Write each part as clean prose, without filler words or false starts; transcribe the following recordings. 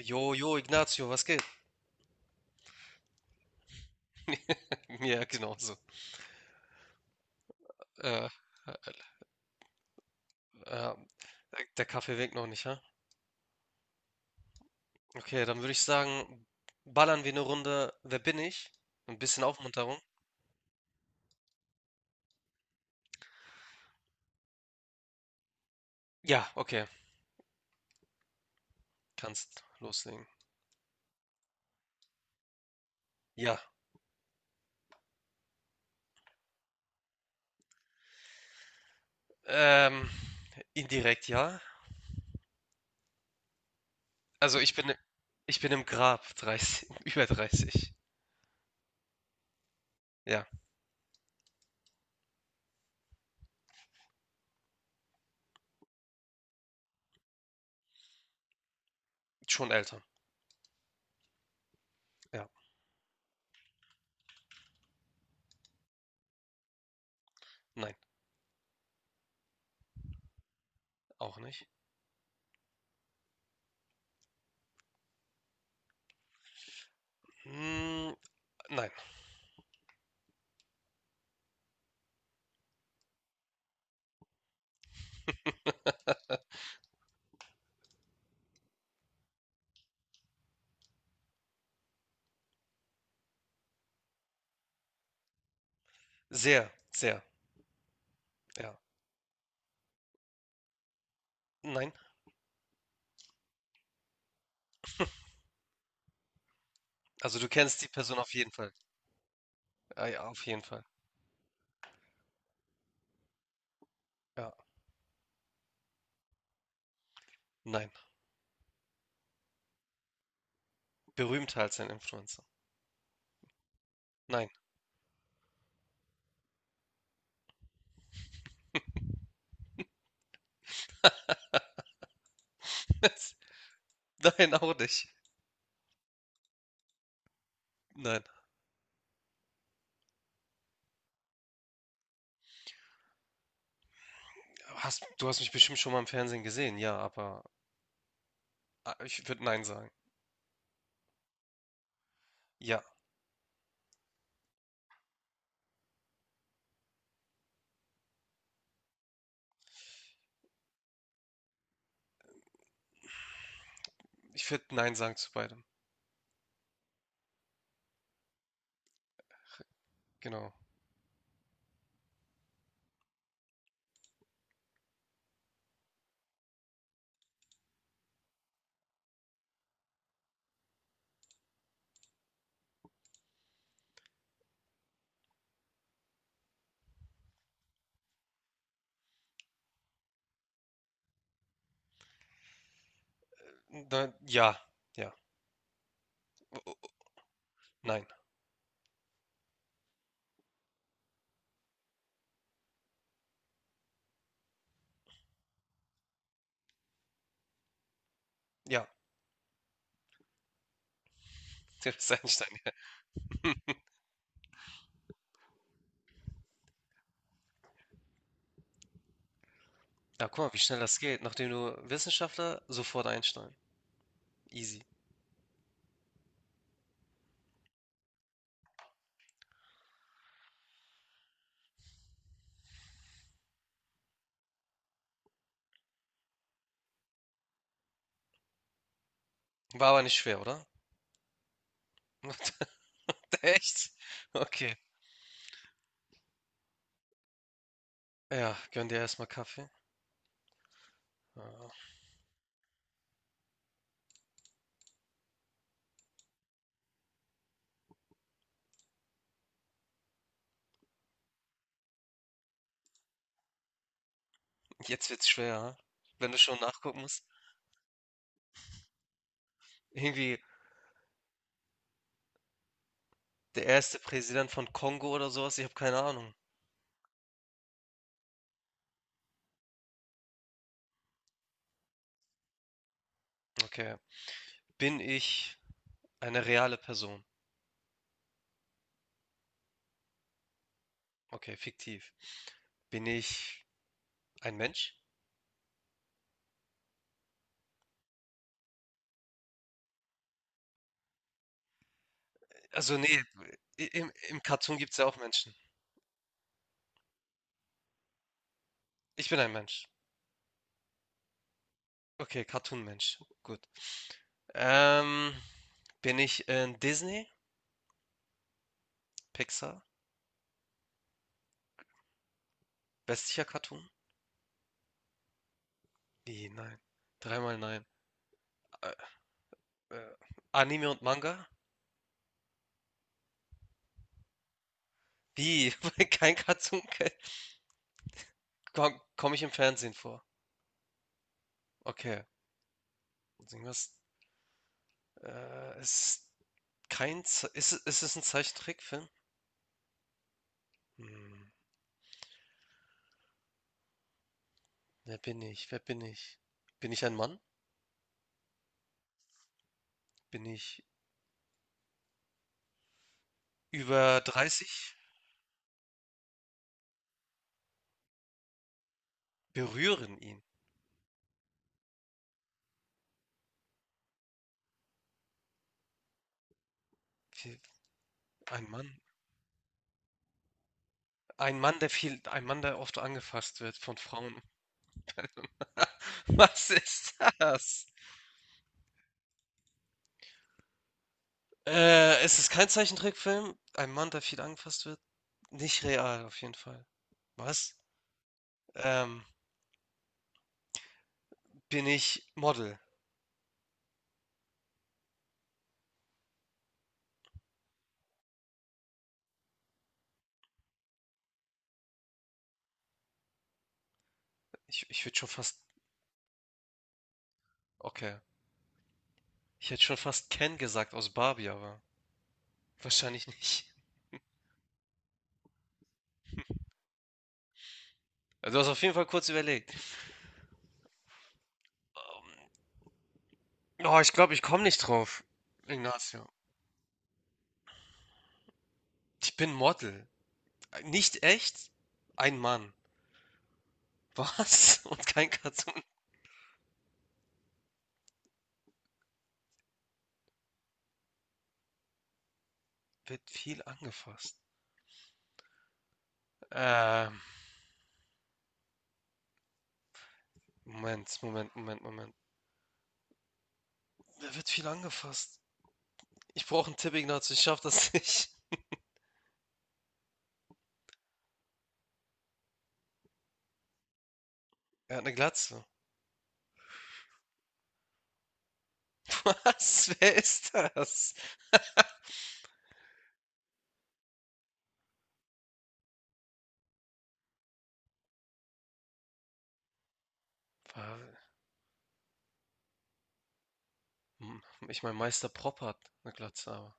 Jo, jo, Ignazio, was geht? Ja, genauso. Äh, äh, äh, der Kaffee winkt noch nicht, ha? Okay, dann würde ich sagen, ballern wir eine Runde Wer bin ich? Ein bisschen Aufmunterung. Ja, okay, kannst loslegen. Ja, ähm, indirekt ja. Also ich bin im Grab 30, über 30. Ja, schon älter. Ja, nein, auch nicht. Hm, nein, sehr, sehr, ja. Nein, also du kennst die Person auf jeden Fall. Ah, ja, auf jeden Fall. Ja, nein. Berühmter als ein Influencer. Nein. Nein, auch nicht. Nein. Du hast mich bestimmt schon mal im Fernsehen gesehen, ja, aber ah, ich würde Nein sagen. Ja, ich würde Nein sagen zu beidem. Genau. Nein, ja, ja, nein. Ja, der ist Einstein. Ja, guck mal, wie schnell das geht. Nachdem du Wissenschaftler, sofort Einstein. Easy. War aber nicht schwer, oder? Echt? Okay. Ja, gönn dir erstmal Kaffee. Ja. Jetzt wird's schwer, ha? Wenn du schon nachgucken musst. Irgendwie. Der erste Präsident von Kongo oder so was? Ich habe keine Ahnung. Okay. Bin ich eine reale Person? Okay, fiktiv. Bin ich ein Mensch? Also nee, im Cartoon gibt es ja auch Menschen. Ich bin ein Mensch. Okay, Cartoon-Mensch. Gut. Ähm, bin ich in Disney? Pixar? Westlicher Cartoon? Wie, nein. Dreimal nein. Äh, äh, Anime und Manga? Wie? Kein Cartoon? Komm ich im Fernsehen vor? Okay. Irgendwas, ist kein Ze ist es ein Zeichentrickfilm? Hm, wer bin ich? Wer bin ich? Bin ich ein Mann? Bin ich über 30? Berühren ihn. Viel ein Mann ein Mann, der viel ein Mann, der oft angefasst wird von Frauen. Was ist das? Es ist kein Zeichentrickfilm. Ein Mann, der viel angefasst wird. Nicht real auf jeden Fall. Was? Ähm, bin ich Model? Ich würde schon fast okay. Ich hätte schon fast Ken gesagt aus Barbie, aber wahrscheinlich nicht. Also, du hast auf jeden Fall kurz überlegt. Ähm, Oh, ich glaube, ich komme nicht drauf. Ignacio. Ich bin Model. Nicht echt? Ein Mann. Was? Und kein Cartoon. Wird viel angefasst. Ähm, Moment, Moment, Moment, Moment. Da wird viel angefasst. Ich brauche einen Tipp, Ignacio. Ich schaff das nicht. Er hat eine Glatze. Was? Wer ist das? War- Hm, Ich meine, Meister Propp hat eine Glatze, aber.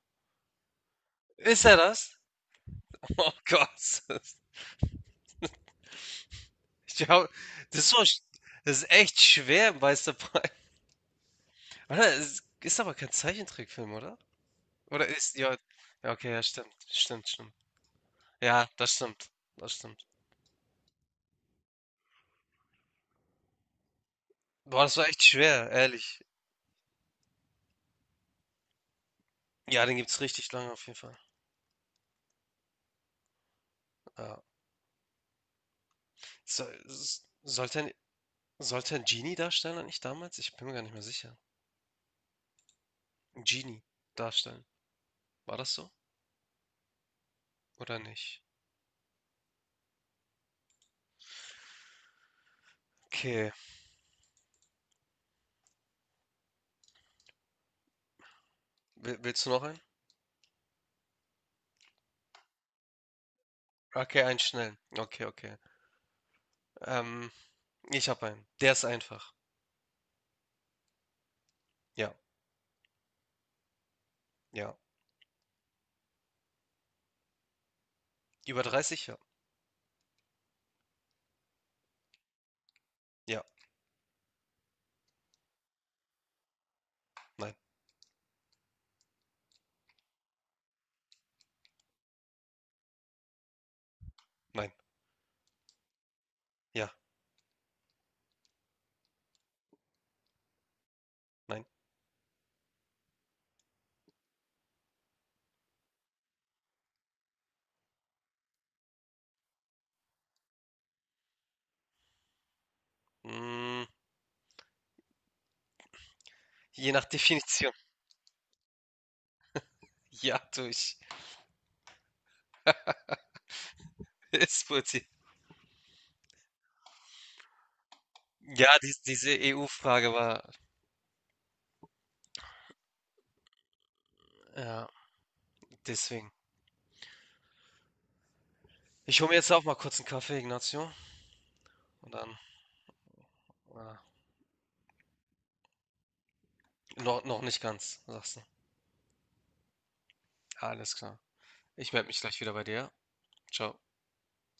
Ist er das? Oh Gott. Ich glaube, das ist so, sch- das ist echt schwer, Meister Prime. Oder? Es ist aber kein Zeichentrickfilm, oder? Ja, ja, okay, ja, stimmt, stimmt, stimmt. Ja, das stimmt, das stimmt. Boah, das war echt schwer, ehrlich. Ja, den gibt's richtig lange auf jeden Fall. Ja. So, sollte ein Genie-Darsteller nicht damals? Ich bin mir gar nicht mehr sicher. Ein Genie darstellen. War das so? Oder nicht? Okay. Willst du noch einen? Okay, einen schnellen. Okay, okay. Ähm, Ich habe einen. Der ist einfach. Ja, ja. Über 30? Ja. Ja. Nein. Nein. Ja. Nein. Mm, je nach Definition. Ja, durch. Ist Politik. Ja, diese EU-Frage war. Ja, deswegen. Ich hole mir jetzt auch mal kurz einen Kaffee, Ignacio. Und dann. Ah, noch nicht ganz, sagst du. Alles klar. Ich melde mich gleich wieder bei dir. Ciao.